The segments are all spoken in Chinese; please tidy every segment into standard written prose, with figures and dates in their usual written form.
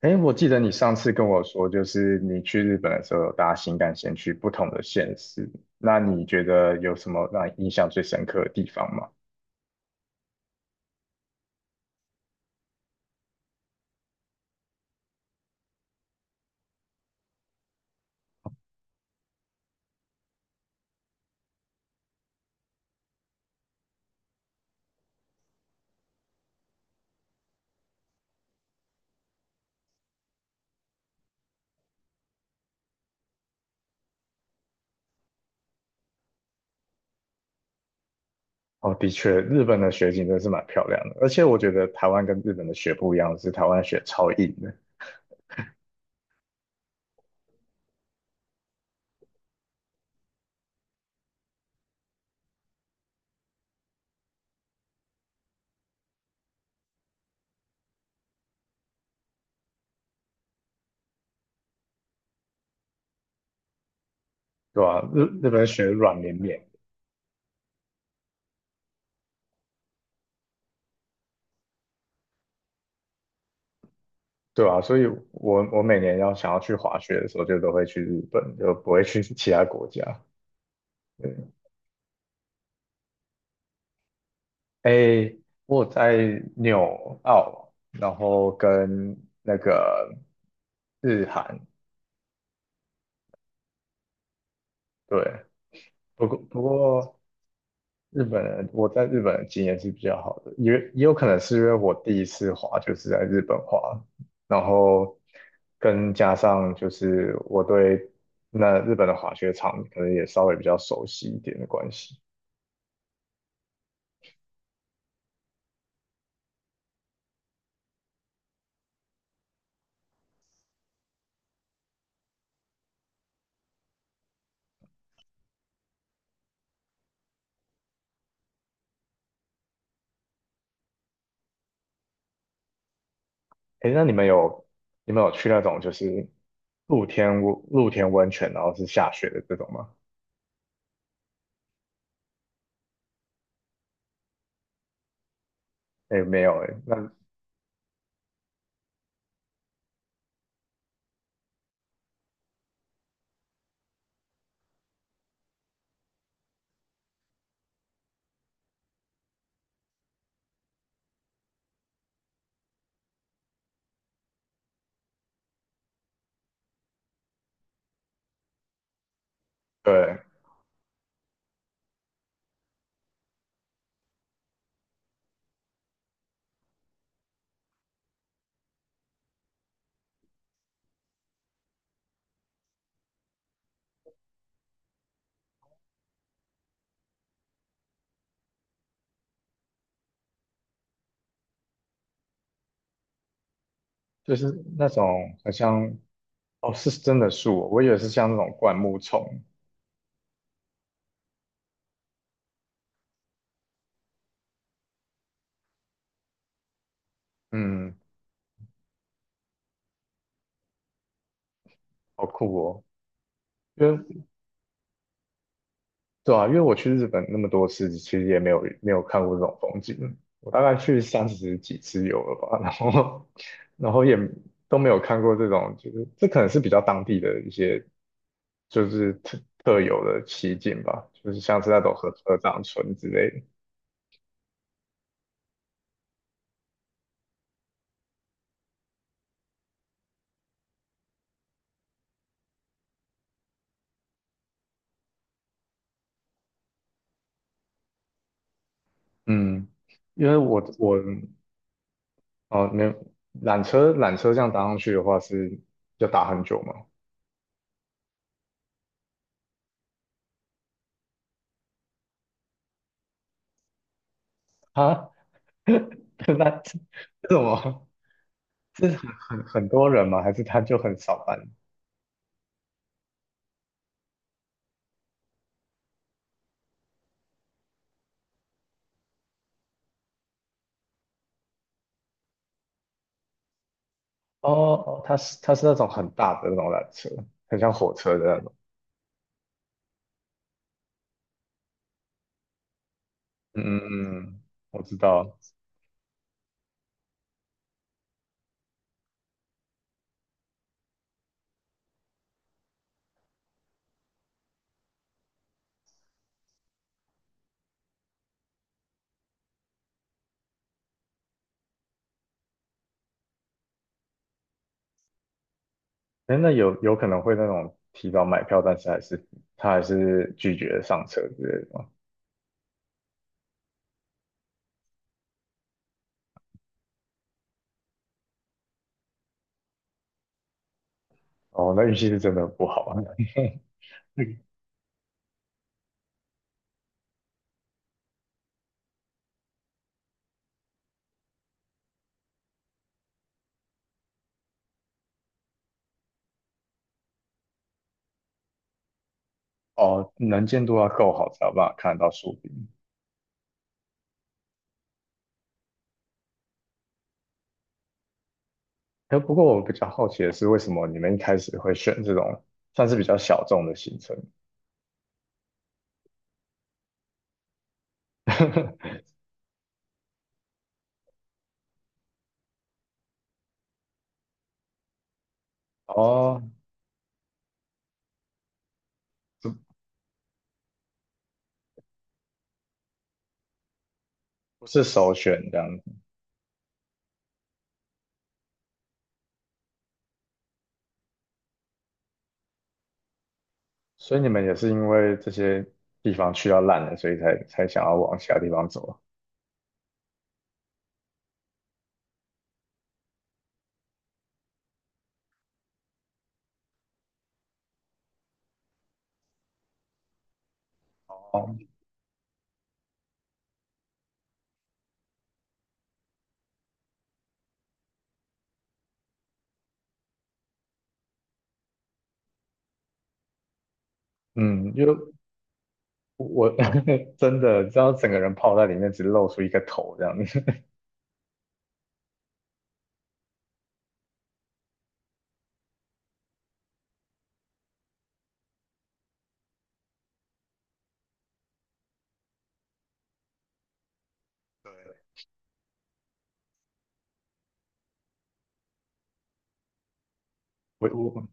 哎，我记得你上次跟我说，就是你去日本的时候有搭新干线去不同的县市，那你觉得有什么让你印象最深刻的地方吗？哦，的确，日本的雪景真的是蛮漂亮的，而且我觉得台湾跟日本的雪不一样，是台湾的雪超硬的。对啊，日本的雪软绵绵。对啊，所以我每年要想要去滑雪的时候，就都会去日本，就不会去其他国家。诶，我在纽澳，然后跟那个日韩。对，不过日本人，我在日本的经验是比较好的，也也有可能是因为我第一次滑就是在日本滑，然后跟加上就是我对那日本的滑雪场可能也稍微比较熟悉一点的关系。诶，那你们有你们有去那种就是露天温露天温泉，然后是下雪的这种吗？哎，没有哎。那对，就是那种好像哦，是真的树哦？我以为是像那种灌木丛。嗯，好酷哦。因为对啊，因为我去日本那么多次，其实也没有没有看过这种风景，我大概去三十几次有了吧，然后 然后也都没有看过这种，就是这可能是比较当地的一些就是特特有的奇景吧，就是像是那种合合掌村之类的。嗯。因为我哦，没有，缆车这样搭上去的话是要打很久吗？啊，那这这怎么？这是很多人吗？还是他就很少班？哦哦，他是那种很大的那种缆车，很像火车的那种。嗯嗯嗯，我知道。哎，那有有可能会那种提早买票，但是还是他还是拒绝上车之类的吗？哦，那运气是真的不好啊。那个哦，能见度要够好才有办法看得到树顶。哎，不过我比较好奇的是，为什么你们一开始会选这种算是比较小众的行程？哦，不不是首选这样子，所以你们也是因为这些地方去到烂了，所以才想要往其他地方走啊。哦，嗯，因为我 真的知道整个人泡在里面，只露出一个头这样子。对，我我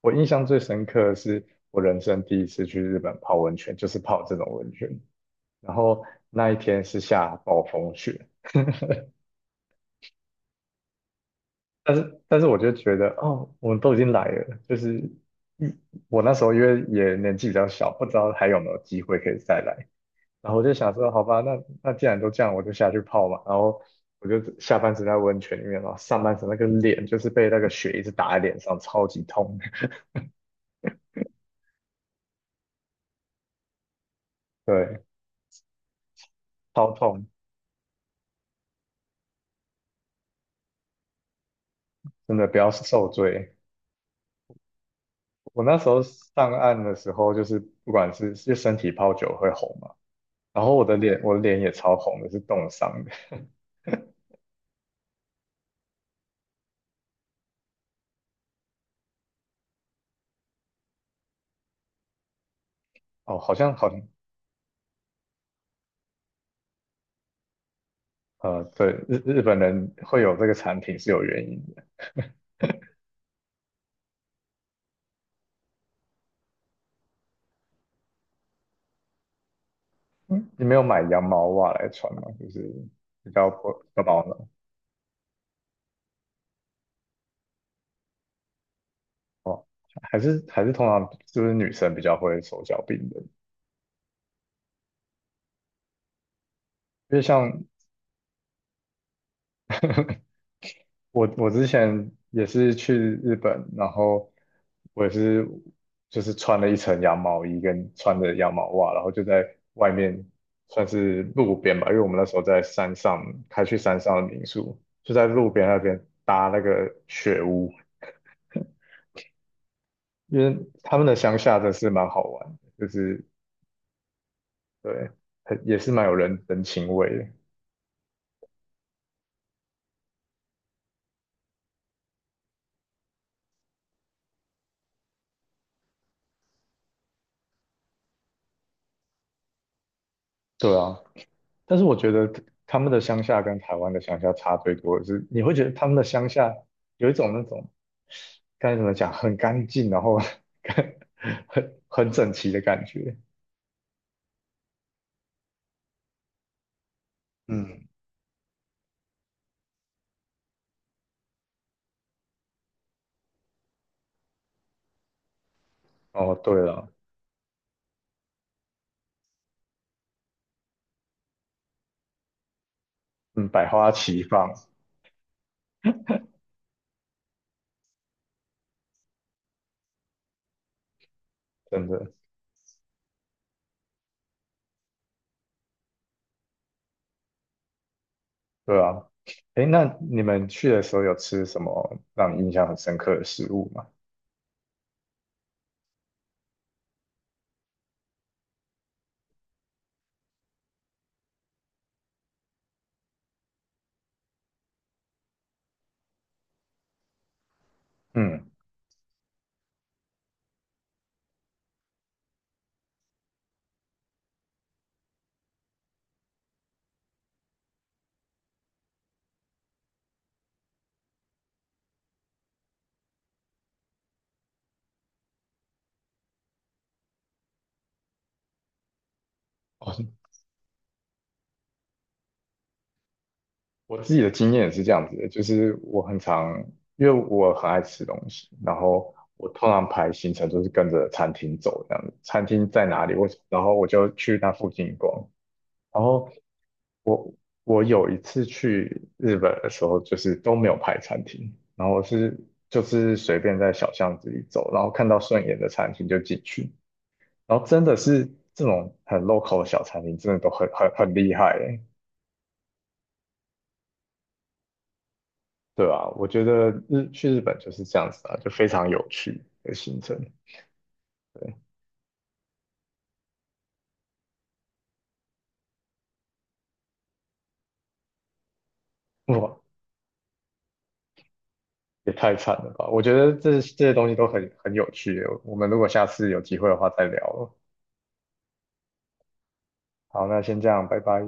我印象最深刻的是我人生第一次去日本泡温泉，就是泡这种温泉。然后那一天是下暴风雪，但是我就觉得哦，我们都已经来了，就是嗯我那时候因为也年纪比较小，不知道还有没有机会可以再来，然后我就想说，好吧，那那既然都这样，我就下去泡嘛，然后我就下半身在温泉里面嘛，然后上半身那个脸就是被那个雪一直打在脸上，超级痛。对，超痛，真的不要受罪。我那时候上岸的时候，就是不管是就身体泡久会红嘛，然后我的脸也超红的，是冻伤的。哦，好像好，像。对，日本人会有这个产品是有原因的。嗯，你没有买羊毛袜来穿吗？就是比较薄、比较保暖哦，还是通常就是女生比较会手脚冰冷，因为像 我之前也是去日本，然后我也是就是穿了一层羊毛衣跟穿着羊毛袜，然后就在外面算是路边吧，因为我们那时候在山上开去山上的民宿，就在路边那边搭那个雪屋，因为他们的乡下真是蛮好玩的，就是对，很也是蛮有人情味的。对啊。但是我觉得他们的乡下跟台湾的乡下差最多的是，你会觉得他们的乡下有一种那种该怎么讲，很干净，然后 很整齐的感觉。嗯，哦，对了，嗯，百花齐放，真的，对啊。诶，那你们去的时候有吃什么让你印象很深刻的食物吗？嗯，哦，我自己的经验也是这样子的，就是我很常，因为我很爱吃东西，然后我通常排行程都是跟着餐厅走这样子，餐厅在哪里，我然后我就去那附近逛。然后我我有一次去日本的时候，就是都没有排餐厅，然后我是就是随便在小巷子里走，然后看到顺眼的餐厅就进去，然后真的是这种很 local 的小餐厅，真的都很厉害欸。对啊，我觉得日去日本就是这样子啊，就非常有趣的行程。哇，也太惨了吧！我觉得这这些东西都很很有趣欸，我们如果下次有机会的话再聊了。好，那先这样，拜拜。